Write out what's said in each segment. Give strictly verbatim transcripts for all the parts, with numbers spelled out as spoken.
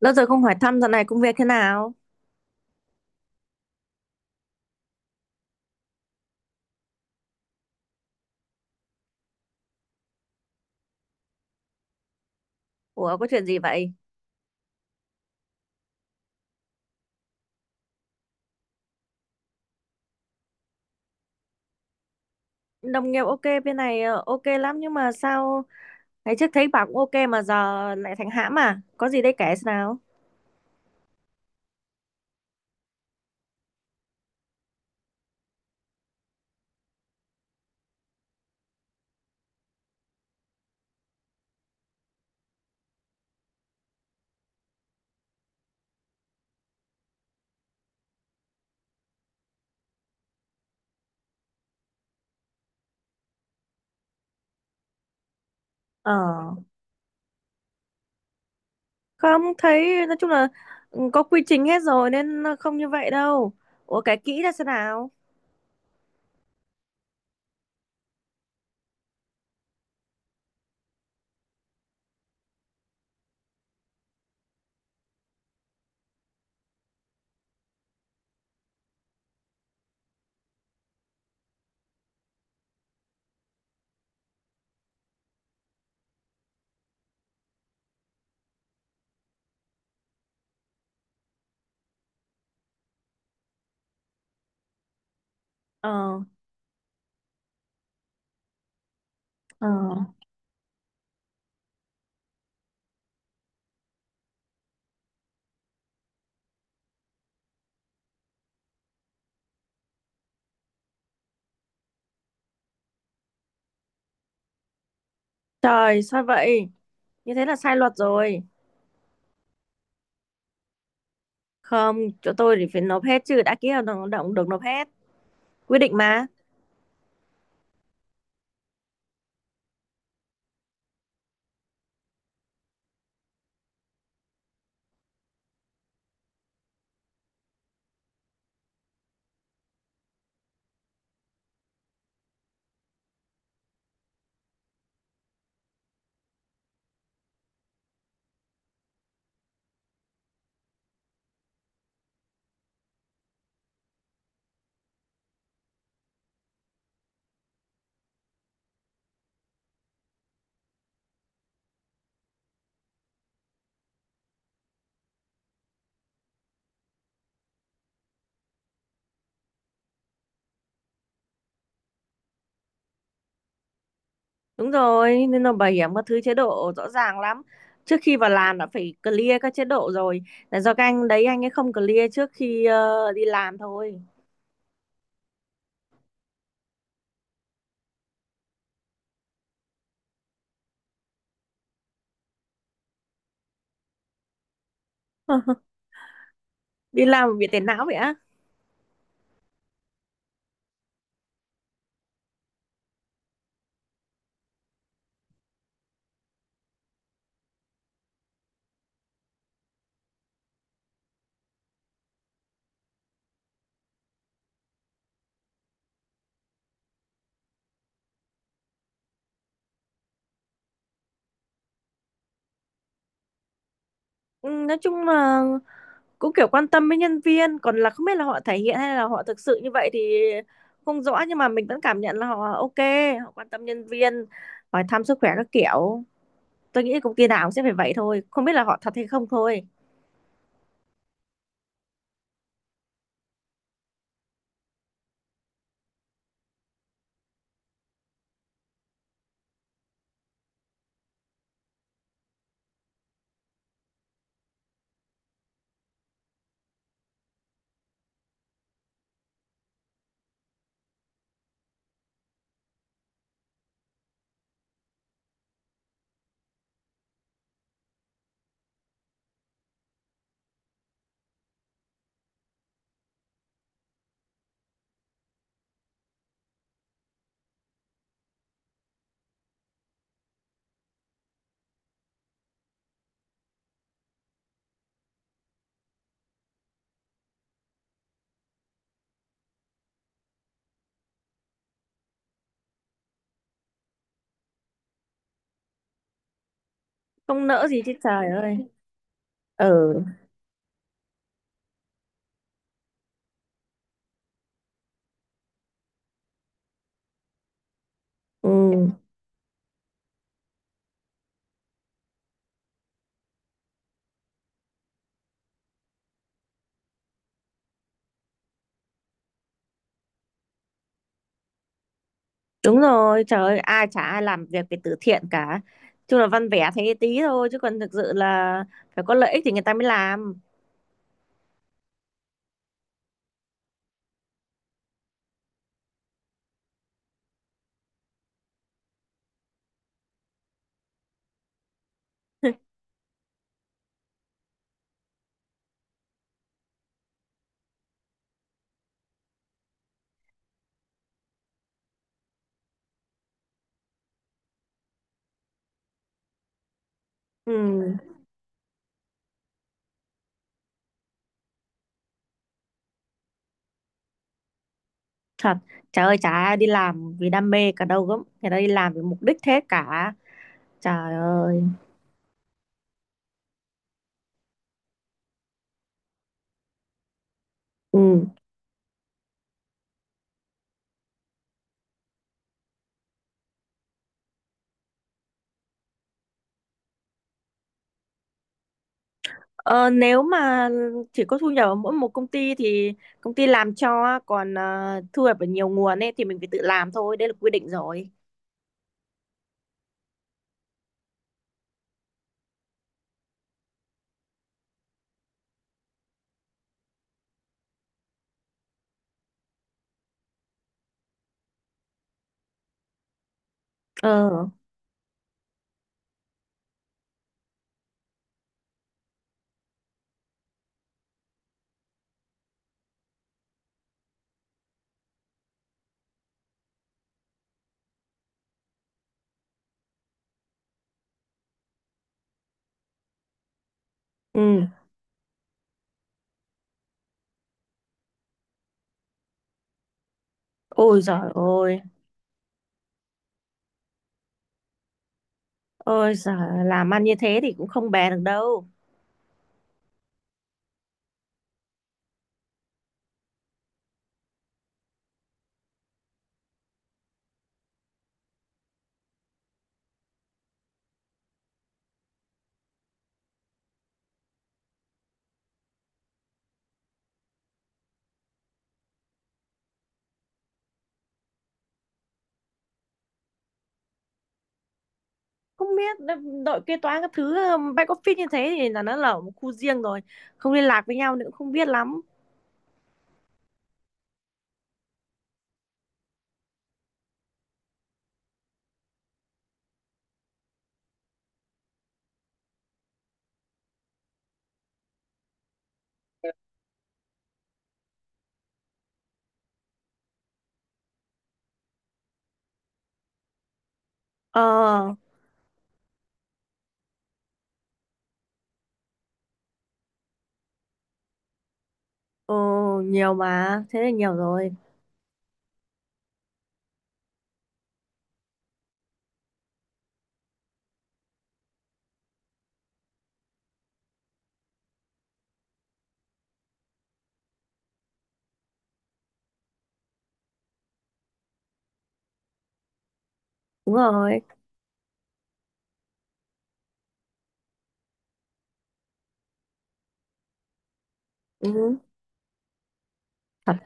Lâu rồi không hỏi thăm dạo này công việc thế nào? Ủa có chuyện gì vậy? Đồng nghiệp ok bên này ờ, ok lắm nhưng mà sao ngày trước thấy bảo cũng ok mà giờ lại thành hãm à? Có gì đây kể xem nào? Ờ, không thấy nói chung là ừ, có quy trình hết rồi nên nó không như vậy đâu. Ủa kể kỹ ra xem nào? Ờ. Ờ. Trời sao vậy? Như thế là sai luật rồi. Không, chỗ tôi thì phải nộp hết chứ đã ký hợp đồng lao động được nộp hết. Quy định mà. Đúng rồi, nên là bảo hiểm các thứ chế độ rõ ràng lắm. Trước khi vào làm đã phải clear các chế độ rồi. Là do các anh đấy anh ấy không clear trước khi ờ, đi làm thôi. Đi làm bị tiền não vậy á. Ừ, nói chung là cũng kiểu quan tâm với nhân viên, còn là không biết là họ thể hiện hay là họ thực sự như vậy thì không rõ, nhưng mà mình vẫn cảm nhận là họ ok, họ quan tâm nhân viên, hỏi thăm sức khỏe các kiểu. Tôi nghĩ công ty nào cũng sẽ phải vậy thôi, không biết là họ thật hay không thôi. Không nỡ gì chứ trời ơi. Ừ. Ừ. Đúng rồi, trời ơi, ai chả ai làm việc về từ thiện cả. Chung là văn vẻ thế tí thôi, chứ còn thực sự là phải có lợi ích thì người ta mới làm. Ừ, thật. Trời ơi, chả ai đi làm vì đam mê cả đâu gớm. Người ta đi làm vì mục đích thế cả. Trời ơi. Ừ. Ờ, nếu mà chỉ có thu nhập ở mỗi một công ty thì công ty làm cho, còn ờ, thu nhập ở nhiều nguồn ấy thì mình phải tự làm thôi, đấy là quy định rồi. Ờ, ừ. Ôi giời ơi. Ôi giời, làm ăn như thế thì cũng không bè được đâu. Không biết đội kế toán các thứ um, back office như thế thì là nó là một khu riêng rồi. Không liên lạc với nhau nữa cũng không biết lắm. Ờ, ờ, nhiều mà. Thế là nhiều rồi. Đúng rồi. Ừ. Thật.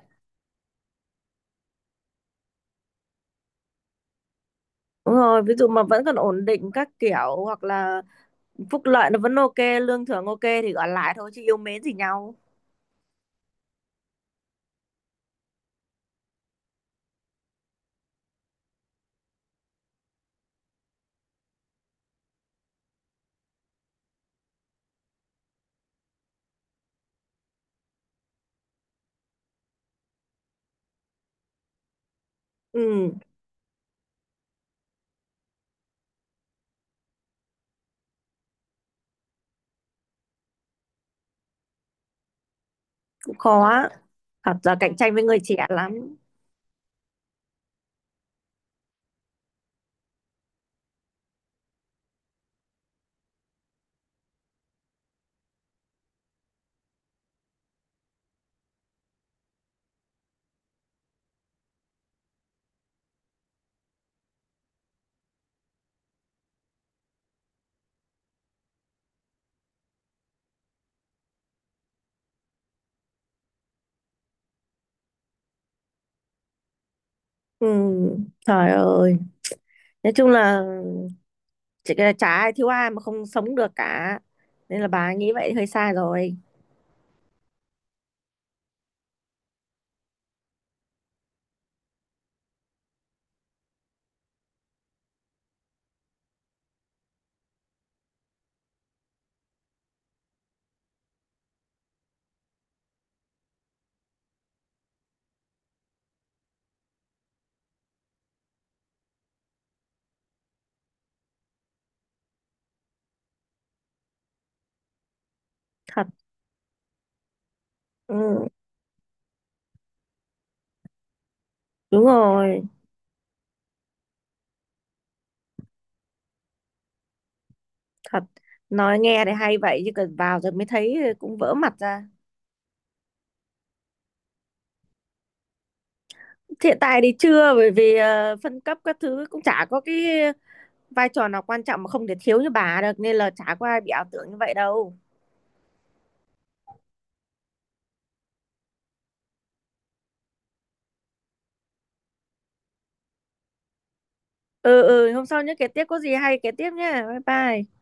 Đúng rồi, ví dụ mà vẫn còn ổn định các kiểu hoặc là phúc lợi nó vẫn ok, lương thưởng ok thì gọi lại thôi chứ yêu mến gì nhau. Ừ, cũng khó. Thật ra cạnh tranh với người trẻ lắm. Ừ, trời ơi. Nói chung là chỉ cái là chả ai thiếu ai mà không sống được cả, nên là bà nghĩ vậy hơi sai rồi. Thật. Ừ, đúng rồi. Thật, nói nghe thì hay vậy chứ cần vào rồi mới thấy cũng vỡ mặt ra. Hiện tại thì chưa, bởi vì ờ, phân cấp các thứ cũng chả có cái vai trò nào quan trọng mà không thể thiếu như bà được, nên là chả có ai bị ảo tưởng như vậy đâu. Ừ. Ừ, hôm sau nhớ kể tiếp, có gì hay kể tiếp nhé, bye bye.